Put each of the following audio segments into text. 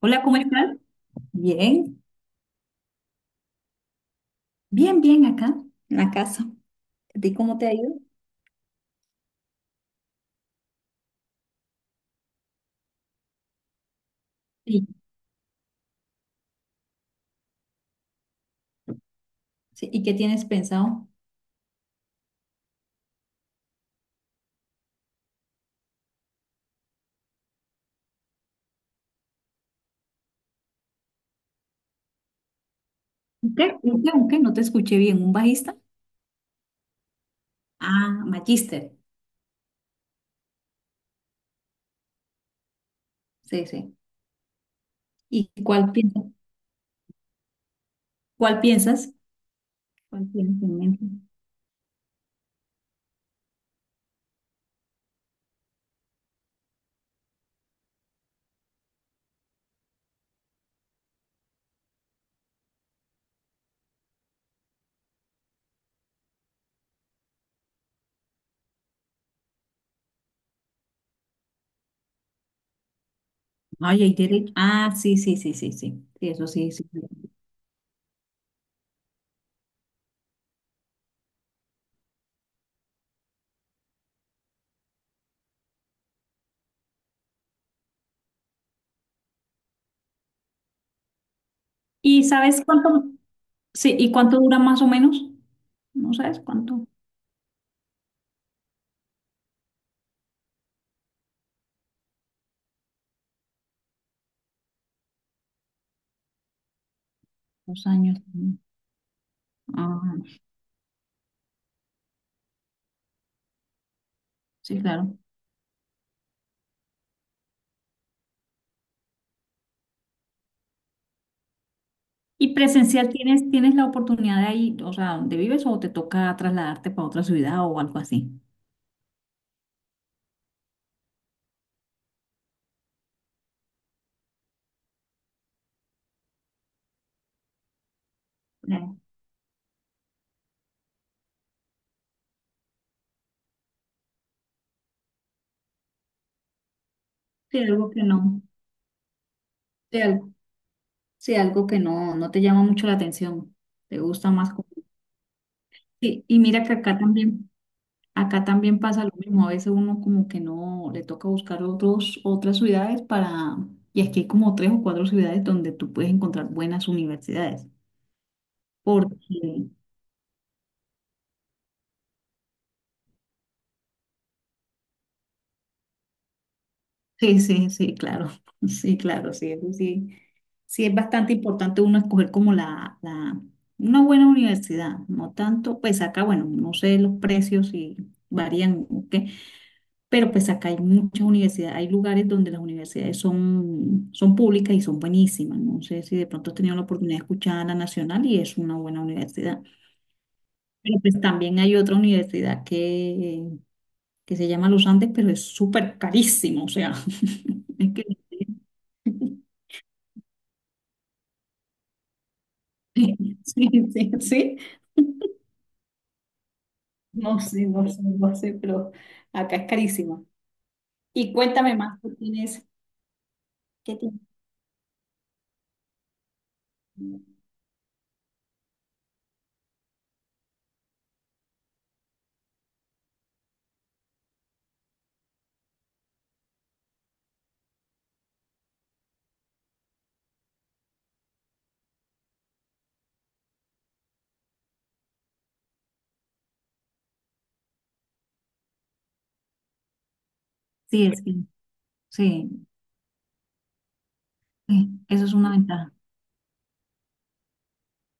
Hola, ¿cómo estás? Bien, bien, bien acá, en la casa. ¿A ti cómo te ha ido? Sí. Sí, ¿y qué tienes pensado? ¿Un qué? ¿Un qué? ¿Un qué? No te escuché bien. ¿Un bajista? Ah, Magister. Sí, sí. ¿Y cuál piensas? ¿Cuál piensas? ¿Cuál tienes en mente? Ay, hay derecho. Ah, sí, sí, sí, sí, sí. Sí, eso sí, sí. ¿Y sabes cuánto? Sí, ¿y cuánto dura más o menos? ¿No sabes cuánto? 2 años. Ah, sí, claro. ¿Y presencial tienes la oportunidad de ahí, o sea, donde vives o te toca trasladarte para otra ciudad o algo así? No, sí, algo que no, sí, algo, sí, algo que no, no te llama mucho la atención, te gusta más. Sí, y mira que acá también pasa lo mismo, a veces uno como que no, le toca buscar otras ciudades para, y aquí hay como tres o cuatro ciudades donde tú puedes encontrar buenas universidades, porque sí, sí, sí, claro. Sí, claro, sí, eso sí. Sí, es bastante importante uno escoger como la, una buena universidad, no tanto, pues acá, bueno, no sé los precios y varían, ¿ok? Pero pues acá hay muchas universidades, hay lugares donde las universidades son, son públicas y son buenísimas. No sé si de pronto has tenido la oportunidad de escuchar a la Nacional y es una buena universidad. Pero pues también hay otra universidad que se llama Los Andes, pero es súper carísimo, o sea, es que sí, sí, sí, sí. No sé, no sé, no sé, pero acá es carísimo. Y cuéntame más, ¿qué tienes? ¿Qué tienes? Sí, es que, sí, sí, eso es una ventaja,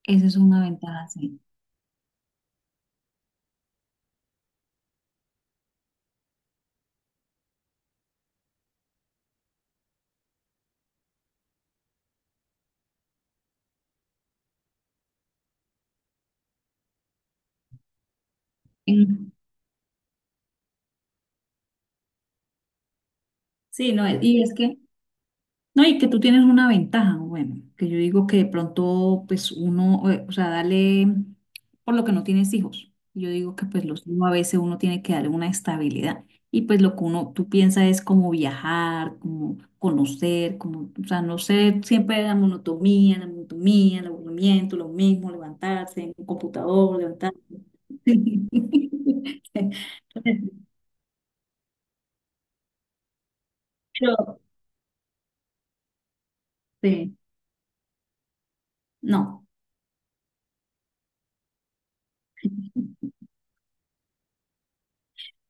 eso es una ventaja, sí. En- sí, no, y es que no, y que tú tienes una ventaja, bueno, que yo digo que de pronto, pues uno, o sea, dale, por lo que no tienes hijos, yo digo que pues los hijos a veces uno tiene que darle una estabilidad y pues lo que uno, tú piensas es como viajar, como conocer, como, o sea, no sé, siempre la monotomía, el aburrimiento, lo mismo, levantarse en un computador, levantarse. Pero, sí, no.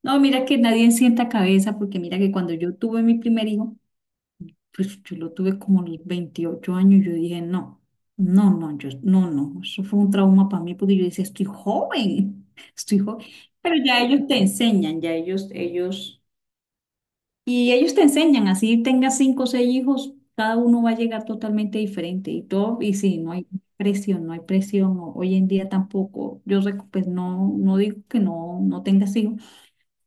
No, mira que nadie sienta cabeza, porque mira que cuando yo tuve mi primer hijo, pues yo lo tuve como a los 28 años. Yo dije, no, no, no, yo, no, no. Eso fue un trauma para mí, porque yo decía, estoy joven, estoy joven, pero ya ellos te enseñan, ya ellos, y ellos te enseñan, así tengas cinco o seis hijos, cada uno va a llegar totalmente diferente, y todo, y sí, no hay presión, no hay presión. Hoy en día tampoco, yo, pues no, no digo que no, no tengas hijos,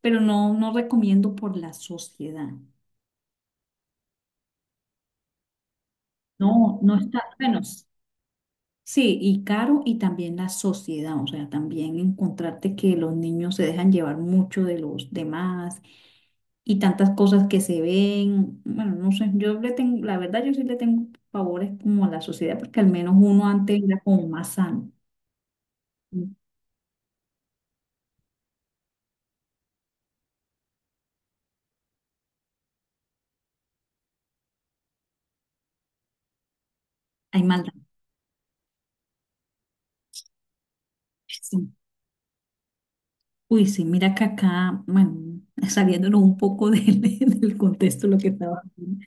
pero no, no recomiendo por la sociedad. No, no está, bueno, sí, y caro y también la sociedad, o sea, también encontrarte que los niños se dejan llevar mucho de los demás y tantas cosas que se ven, bueno, no sé, yo le tengo, la verdad yo sí le tengo favores como a la sociedad, porque al menos uno antes era como más sano. Mm. Hay maldad. Sí. Uy, sí, mira que acá, bueno, saliéndonos un poco del, del contexto de lo que estaba haciendo.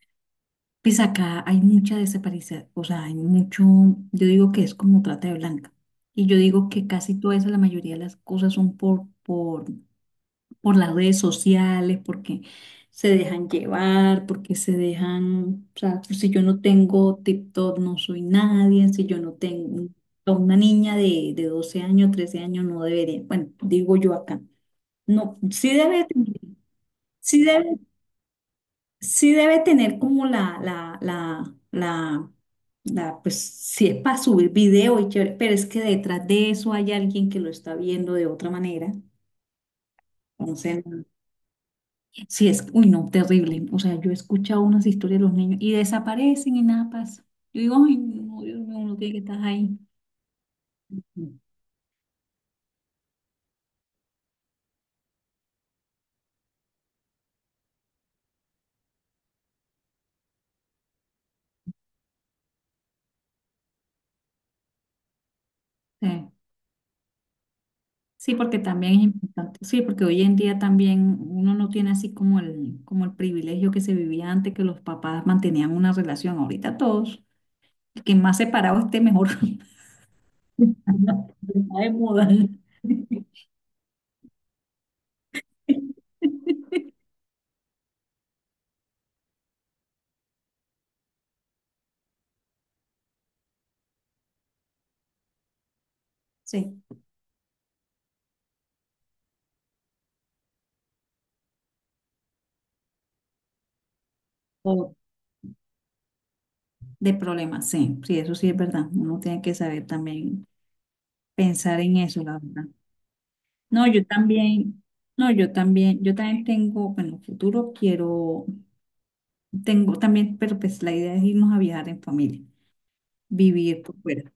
Pues acá hay mucha desaparición, o sea, hay mucho, yo digo que es como trata de blanca. Y yo digo que casi toda esa, la mayoría de las cosas son por las redes sociales, porque se dejan llevar, porque se dejan, o sea, pues si yo no tengo TikTok no soy nadie, si yo no tengo a una niña de 12 años, 13 años no debería, bueno, digo yo acá. No, sí debe, sí, sí debe tener como la, pues sí es para subir video y chévere, pero es que detrás de eso hay alguien que lo está viendo de otra manera. Entonces, sí es, uy, no, terrible. O sea, yo he escuchado unas historias de los niños y desaparecen y nada pasa. Yo digo, ay, no, Dios mío, uno tiene que estar ahí. Sí, sí, porque también es importante. Sí, porque hoy en día también uno no tiene así como el privilegio que se vivía antes, que los papás mantenían una relación. Ahorita todos, que más separado esté mejor. Está de moda. Sí, o de problemas, sí, sí, eso sí es verdad. Uno tiene que saber también pensar en eso, la verdad. No, yo también, no, yo también tengo, bueno, futuro quiero, tengo también, pero pues la idea es irnos a viajar en familia, vivir por fuera.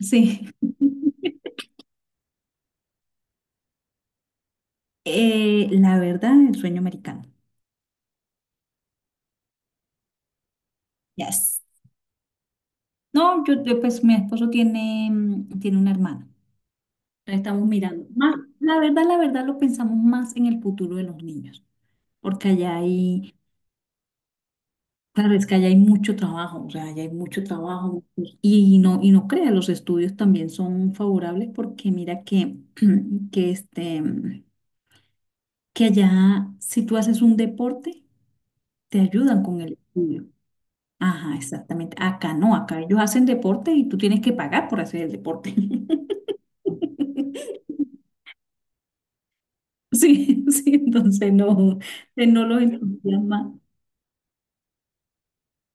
Sí. La verdad, el sueño americano. Yes. No, yo, pues mi esposo tiene, mm, tiene una hermana. Estamos mirando más, la verdad lo pensamos más en el futuro de los niños, porque allá hay, claro, es que allá hay mucho trabajo, o sea, allá hay mucho trabajo y no crea, los estudios también son favorables porque mira que, que este, que allá si tú haces un deporte, te ayudan con el estudio. Ajá, exactamente. Acá no, acá ellos hacen deporte y tú tienes que pagar por hacer el deporte. Sí, sí, entonces no, no los entusiasma.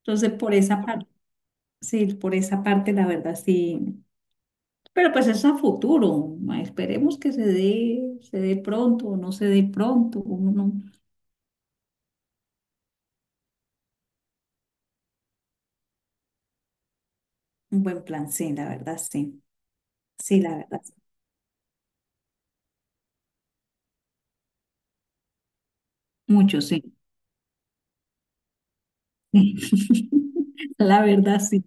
Entonces, por esa parte, sí, por esa parte, la verdad, sí. Pero pues es a futuro. Esperemos que se dé pronto o no se dé pronto. Uno no- un buen plan, sí, la verdad, sí. Sí, la verdad, sí. Mucho, sí. La verdad, sí.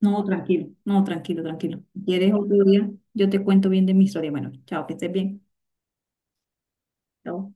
No, tranquilo, no, tranquilo, tranquilo. Si ¿quieres otro día? Yo te cuento bien de mi historia. Bueno, chao, que estés bien. Chao.